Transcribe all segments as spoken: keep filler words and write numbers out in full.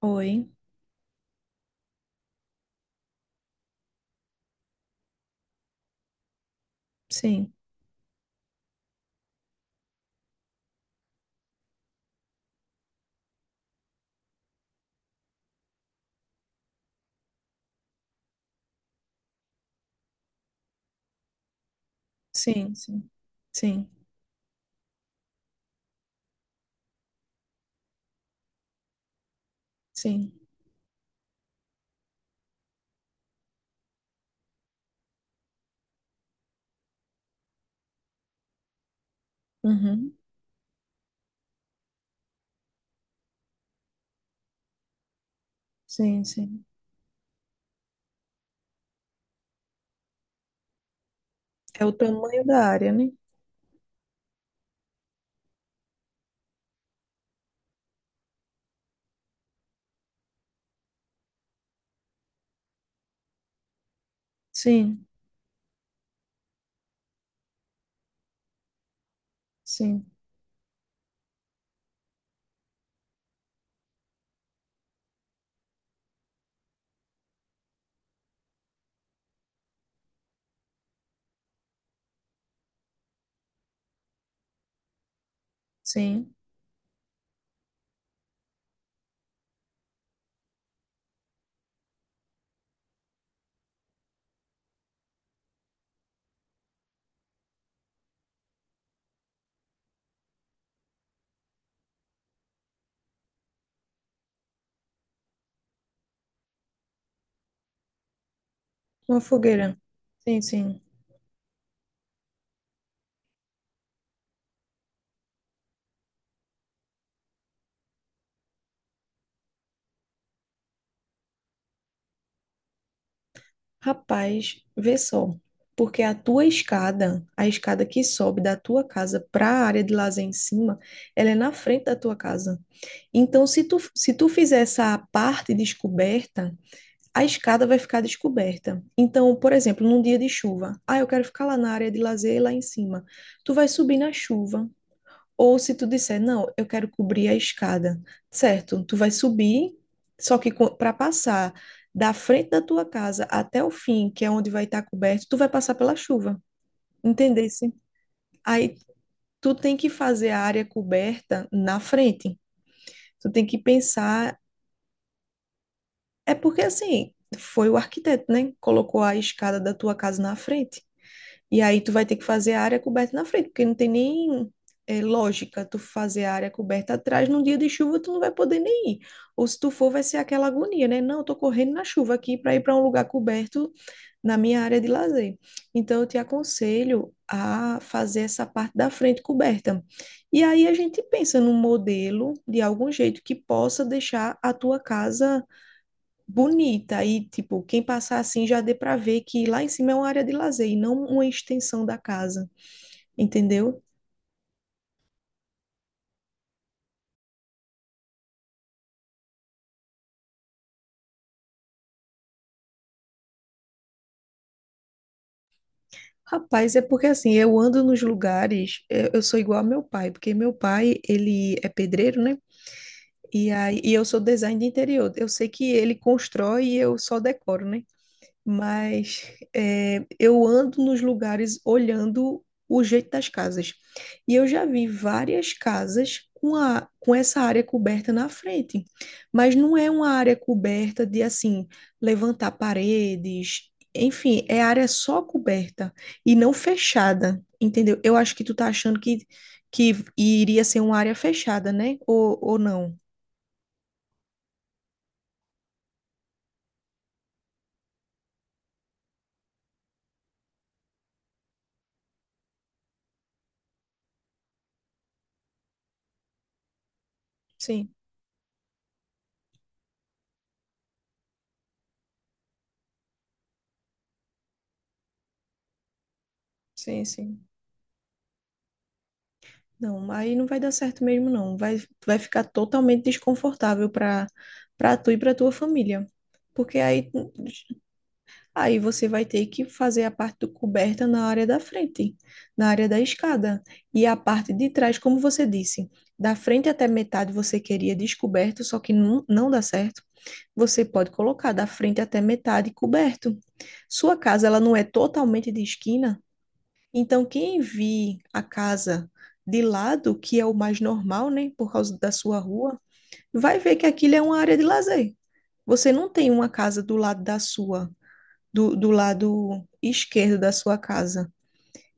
Oi. Sim, sim, sim, sim, sim. Uhum. Sim, sim. É o tamanho da área, né? Sim, sim, sim. Uma fogueira. Sim, sim. Rapaz, vê só. Porque a tua escada, a escada que sobe da tua casa para a área de lazer em cima, ela é na frente da tua casa. Então, se tu, se tu fizer essa parte descoberta, a escada vai ficar descoberta. Então, por exemplo, num dia de chuva, ah, eu quero ficar lá na área de lazer, lá em cima. Tu vai subir na chuva. Ou se tu disser, não, eu quero cobrir a escada. Certo, tu vai subir, só que para passar da frente da tua casa até o fim, que é onde vai estar coberto, tu vai passar pela chuva. Entendesse? Aí tu tem que fazer a área coberta na frente. Tu tem que pensar, é porque assim, foi o arquiteto, né? Colocou a escada da tua casa na frente. E aí tu vai ter que fazer a área coberta na frente, porque não tem nem é, lógica tu fazer a área coberta atrás. Num dia de chuva tu não vai poder nem ir. Ou se tu for, vai ser aquela agonia, né? Não, eu tô correndo na chuva aqui para ir para um lugar coberto na minha área de lazer. Então eu te aconselho a fazer essa parte da frente coberta. E aí a gente pensa num modelo de algum jeito que possa deixar a tua casa bonita e tipo, quem passar assim já dê para ver que lá em cima é uma área de lazer e não uma extensão da casa, entendeu? Rapaz, é porque assim, eu ando nos lugares, eu eu sou igual ao meu pai, porque meu pai, ele é pedreiro, né? E aí, e eu sou design de interior. Eu sei que ele constrói e eu só decoro, né? Mas é, eu ando nos lugares olhando o jeito das casas. E eu já vi várias casas com, a, com essa área coberta na frente, mas não é uma área coberta de assim, levantar paredes, enfim, é área só coberta e não fechada, entendeu? Eu acho que tu tá achando que, que iria ser uma área fechada, né? Ou, ou não? Sim, sim, sim. Não, aí não vai dar certo mesmo, não. Vai, vai ficar totalmente desconfortável para para tu e para tua família. Porque aí, aí você vai ter que fazer a parte do coberta na área da frente, na área da escada. E a parte de trás, como você disse, da frente até metade você queria descoberto, só que não, não dá certo. Você pode colocar da frente até metade coberto. Sua casa, ela não é totalmente de esquina, então, quem vir a casa de lado, que é o mais normal, né, por causa da sua rua, vai ver que aquilo é uma área de lazer. Você não tem uma casa do lado da sua, do, do lado esquerdo da sua casa.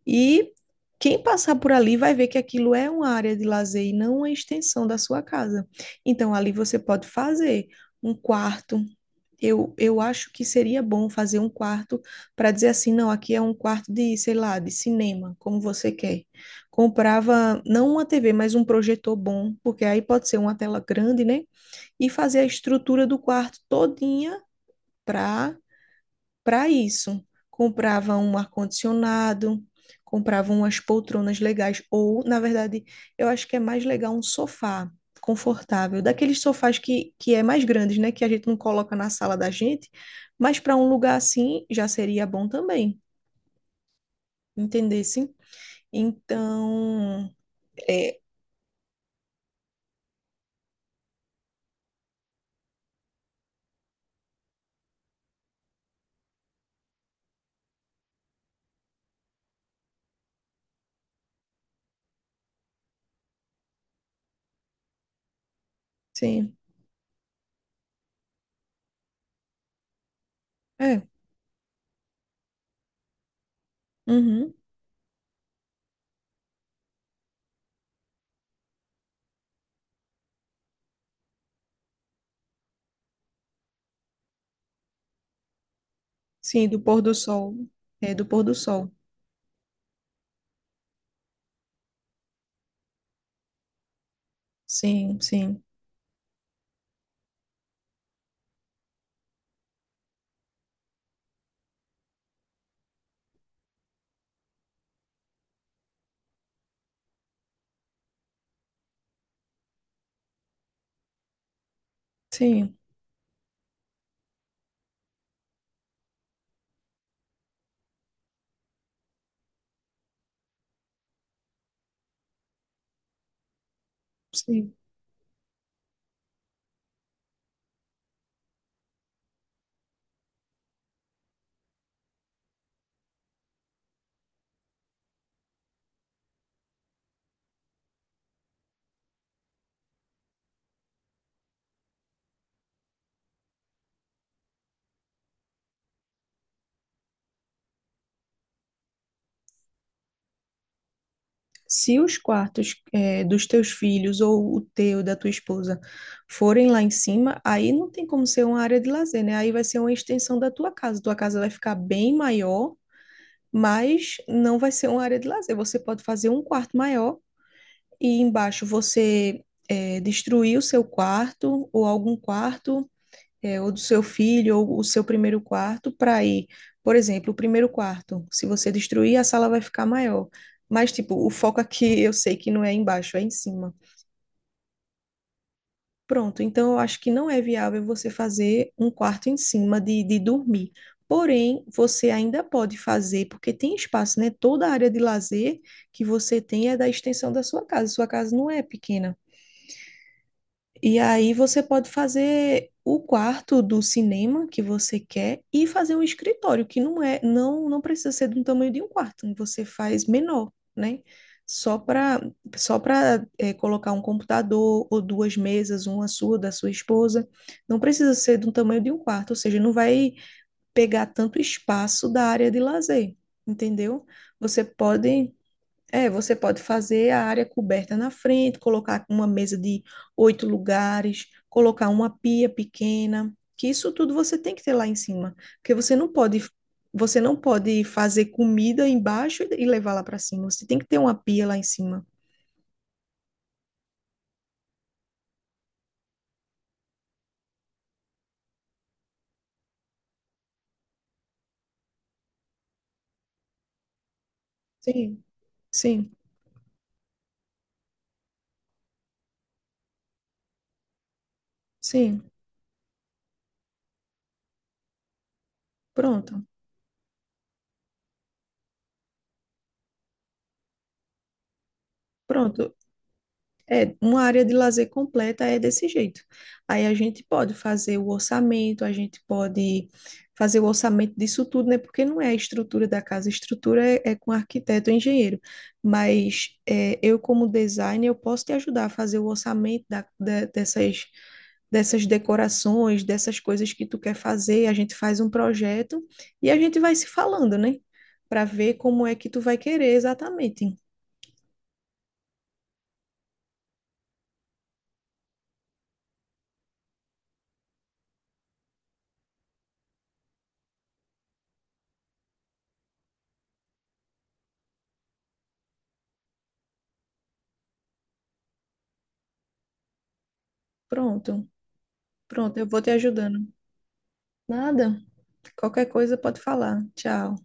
E quem passar por ali vai ver que aquilo é uma área de lazer e não uma extensão da sua casa. Então, ali você pode fazer um quarto. Eu, eu acho que seria bom fazer um quarto para dizer assim, não, aqui é um quarto de, sei lá, de cinema, como você quer. Comprava não uma T V, mas um projetor bom, porque aí pode ser uma tela grande, né? E fazer a estrutura do quarto todinha para para isso. Comprava um ar-condicionado, comprava umas poltronas legais, ou, na verdade, eu acho que é mais legal um sofá confortável, daqueles sofás que, que é mais grandes, né? Que a gente não coloca na sala da gente, mas para um lugar assim já seria bom também, entendesse? Então, é, sim, é, uhum, sim, do pôr do sol, é, do pôr do sol, sim, sim, sim, sim. Se os quartos eh, dos teus filhos ou o teu, da tua esposa, forem lá em cima, aí não tem como ser uma área de lazer, né? Aí vai ser uma extensão da tua casa. Tua casa vai ficar bem maior, mas não vai ser uma área de lazer. Você pode fazer um quarto maior e embaixo você eh, destruir o seu quarto ou algum quarto é, ou do seu filho, ou o seu primeiro quarto, para ir, por exemplo, o primeiro quarto, se você destruir, a sala vai ficar maior. Mas, tipo, o foco aqui eu sei que não é embaixo, é em cima. Pronto, então eu acho que não é viável você fazer um quarto em cima de, de dormir. Porém, você ainda pode fazer, porque tem espaço, né? Toda a área de lazer que você tem é da extensão da sua casa. Sua casa não é pequena. E aí você pode fazer o quarto do cinema que você quer e fazer um escritório, que não é, não, não precisa ser do tamanho de um quarto, você faz menor, né? Só para Só para colocar um computador ou duas mesas, uma sua, da sua esposa. Não precisa ser do tamanho de um quarto, ou seja, não vai pegar tanto espaço da área de lazer, entendeu? Você pode é, você pode fazer a área coberta na frente, colocar uma mesa de oito lugares, colocar uma pia pequena, que isso tudo você tem que ter lá em cima, porque você não pode, você não pode fazer comida embaixo e levar lá para cima. Você tem que ter uma pia lá em cima. Sim, sim, sim. Pronto, pronto. É, uma área de lazer completa é desse jeito. Aí a gente pode fazer o orçamento, a gente pode fazer o orçamento disso tudo, né? Porque não é a estrutura da casa, a estrutura é, é com arquiteto ou engenheiro. Mas é, eu, como designer, eu posso te ajudar a fazer o orçamento da, da- dessas, dessas decorações, dessas coisas que tu quer fazer. A gente faz um projeto e a gente vai se falando, né? Para ver como é que tu vai querer exatamente. Pronto, pronto, eu vou te ajudando. Nada. Qualquer coisa pode falar. Tchau.